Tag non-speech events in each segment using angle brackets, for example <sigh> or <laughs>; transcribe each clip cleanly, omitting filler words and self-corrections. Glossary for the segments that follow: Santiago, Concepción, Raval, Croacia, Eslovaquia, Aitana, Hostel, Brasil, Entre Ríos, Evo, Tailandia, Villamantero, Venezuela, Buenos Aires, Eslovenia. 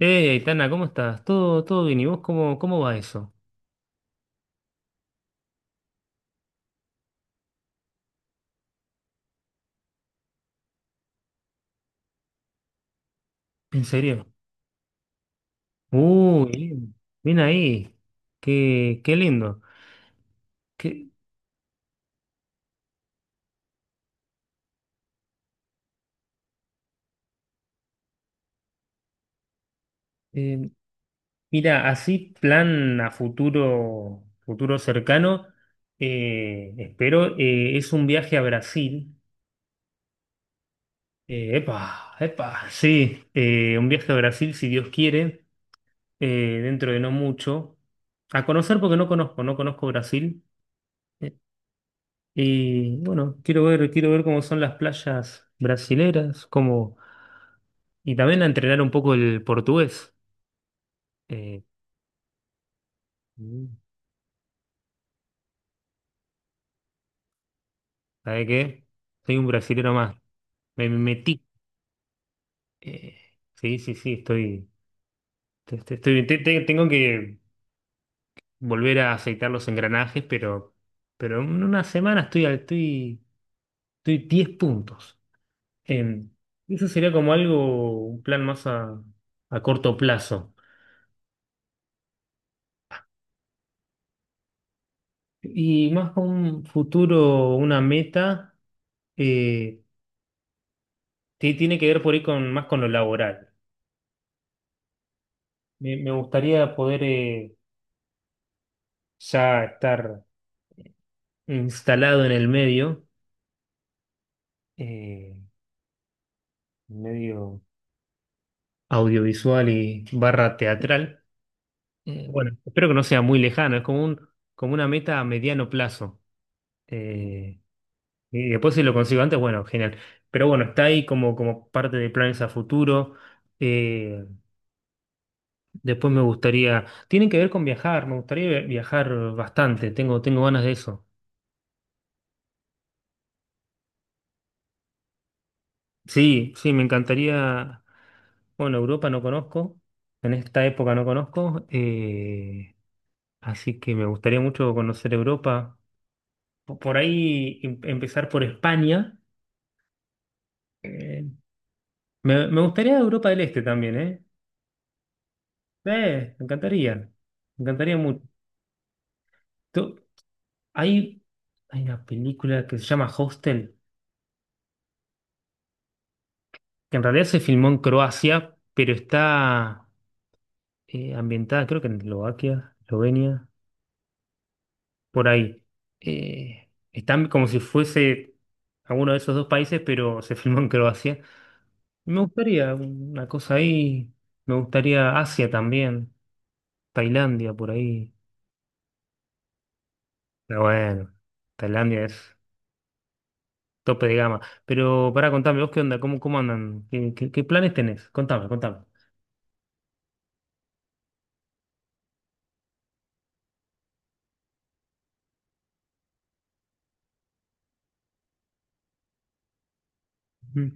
Hey, Aitana, ¿cómo estás? ¿Todo bien? ¿Y vos cómo va eso? ¿En serio? Uy, bien, bien ahí. Qué lindo. Qué, eh, mira, así plan a futuro, futuro cercano, espero, es un viaje a Brasil. Epa, epa, sí, un viaje a Brasil, si Dios quiere, dentro de no mucho. A conocer porque no conozco Brasil. Y bueno, quiero ver cómo son las playas brasileras, cómo, y también a entrenar un poco el portugués. Eh, Mm. ¿Sabe qué? Soy un brasilero más. Me metí. Eh, sí, sí, sí, tengo que volver a aceitar los engranajes, pero en una semana estoy, estoy 10 puntos. Em, Eso sería como algo, un plan a corto plazo. Y más con un futuro, una meta, eh, tiene que ver por ahí con, más con lo laboral. Me gustaría poder ya estar instalado en el medio, eh, medio audiovisual y barra teatral. Bueno, espero que no sea muy lejano, es como un, como una meta a mediano plazo. Eh, y después si lo consigo antes, bueno, genial. Pero bueno, está ahí como, como parte de planes a futuro. eh, Después me gustaría, tienen que ver con viajar, me gustaría viajar bastante, tengo ganas de eso. Sí, sí, me encantaría, bueno, Europa no conozco, en esta época no conozco, así que me gustaría mucho conocer Europa. Po- Por ahí em- empezar por España. eh, me gustaría Europa del Este también, ¿eh? Me encantaría mucho. Tú- Hay, hay una película que se llama Hostel, que en realidad se filmó en Croacia, pero está ambientada, creo que en Eslovaquia, Eslovenia, por ahí. Están como si fuese alguno de esos dos países, pero se filmó en Croacia. Me gustaría una cosa ahí, me gustaría Asia también, Tailandia por ahí. Pero bueno, Tailandia es tope de gama. Pero para contame, vos qué onda, cómo, cómo andan, qué planes tenés, contame, contame. Mm.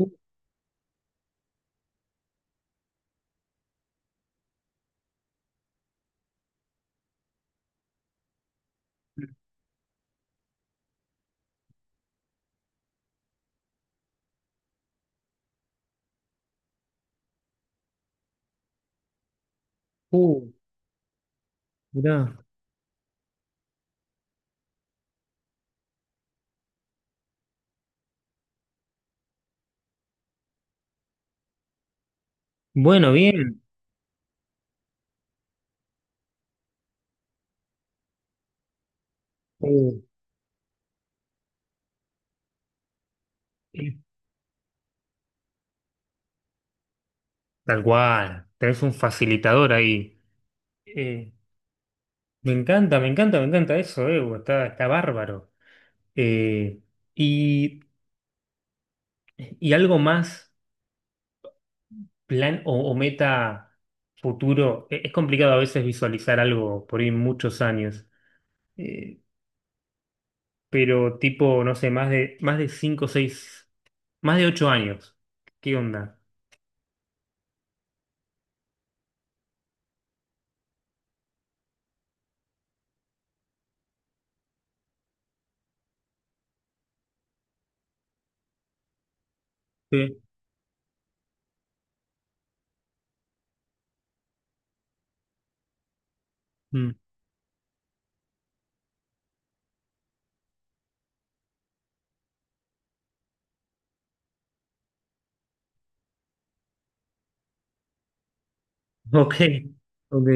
Uh, uh, mirá. Bueno, bien. Uh. Tal cual, tenés un facilitador ahí. Eh, me encanta, me encanta, me encanta eso, Evo, está bárbaro. Eh, y, y algo más, o meta futuro, es complicado a veces visualizar algo por ahí muchos años. Eh, pero tipo, no sé, más de 5, 6, más de 8 años. ¿Qué onda? Sí. Mm. Ok, ok.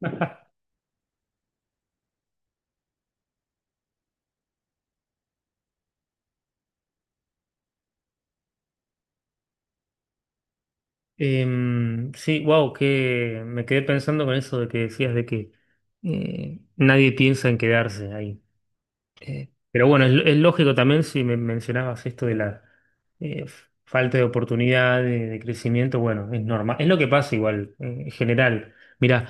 <laughs> Sí, wow, que me quedé pensando con eso de que decías de que nadie piensa en quedarse ahí. Pero bueno, es lógico también si me mencionabas esto de la falta de oportunidad, de crecimiento, bueno, es normal. Es lo que pasa igual, en general. Mira,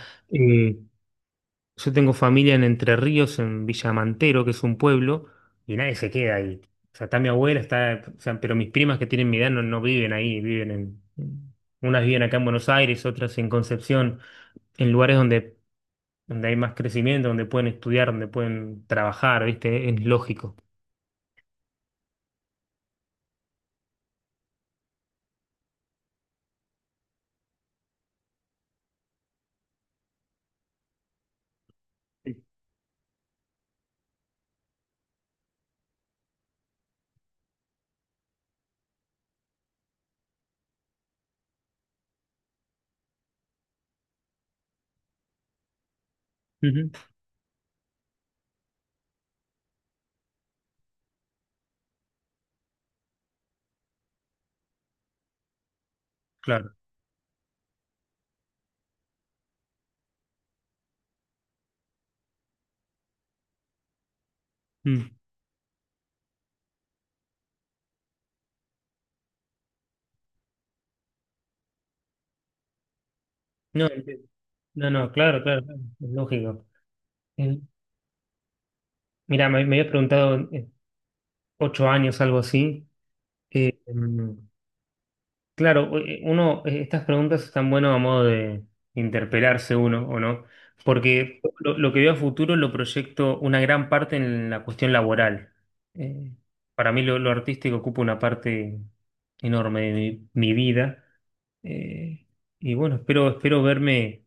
yo tengo familia en Entre Ríos, en Villamantero, que es un pueblo, y nadie se queda ahí. O sea, está mi abuela, está, o sea, pero mis primas que tienen mi edad no viven ahí, viven en, unas viven acá en Buenos Aires, otras en Concepción, en lugares donde, donde hay más crecimiento, donde pueden estudiar, donde pueden trabajar, ¿viste? Es lógico. Sí. Ujú. Claro. Mm. No, entiendo, no, no, claro, claro, claro, es lógico. Eh, Mira, me había preguntado 8 años, algo así. Mm. Claro, uno, estas preguntas están buenas a modo de interpelarse uno, ¿o no? Porque lo que veo a futuro lo proyecto una gran parte en la cuestión laboral. Eh, para mí lo artístico ocupa una parte enorme de mi vida. Eh, y bueno, espero, espero verme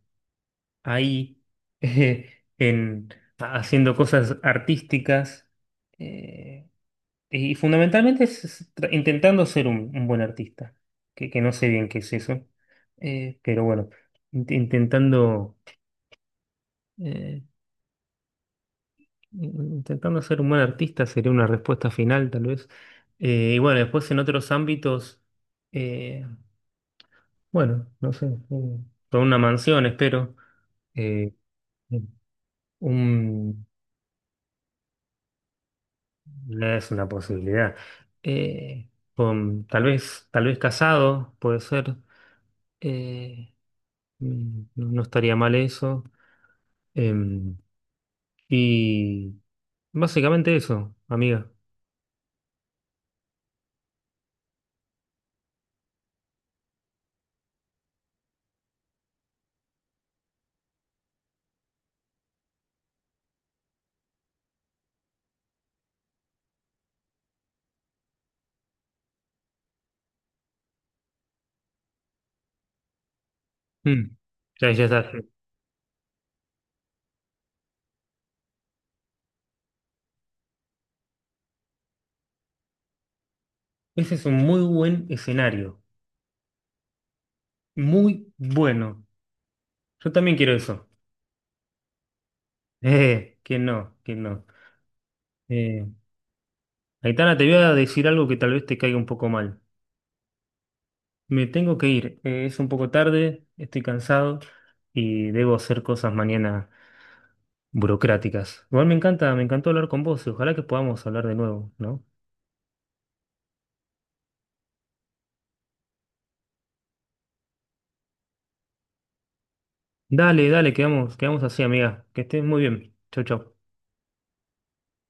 ahí <laughs> en, haciendo cosas artísticas. eh, y fundamentalmente intentando ser un buen artista, que no sé bien qué es eso, pero bueno, intentando, eh, intentando ser un buen artista sería una respuesta final tal vez. Y bueno, después en otros ámbitos, eh, bueno, no sé, con una mansión espero, eh, un, es una posibilidad. Eh, con, tal vez casado, puede ser. eh, Mm, no, no estaría mal eso. Em, y básicamente eso, amiga. Mm. Ya, ya está. Ese es un muy buen escenario. Muy bueno. Yo también quiero eso. <laughs> Que no, que no. Eh, Aitana, te voy a decir algo que tal vez te caiga un poco mal. Me tengo que ir. Es un poco tarde, estoy cansado y debo hacer cosas mañana burocráticas. Igual me encanta, me encantó hablar con vos y ojalá que podamos hablar de nuevo, ¿no? Dale, dale, quedamos, quedamos así, amiga. Que estés muy bien. Chau, chau.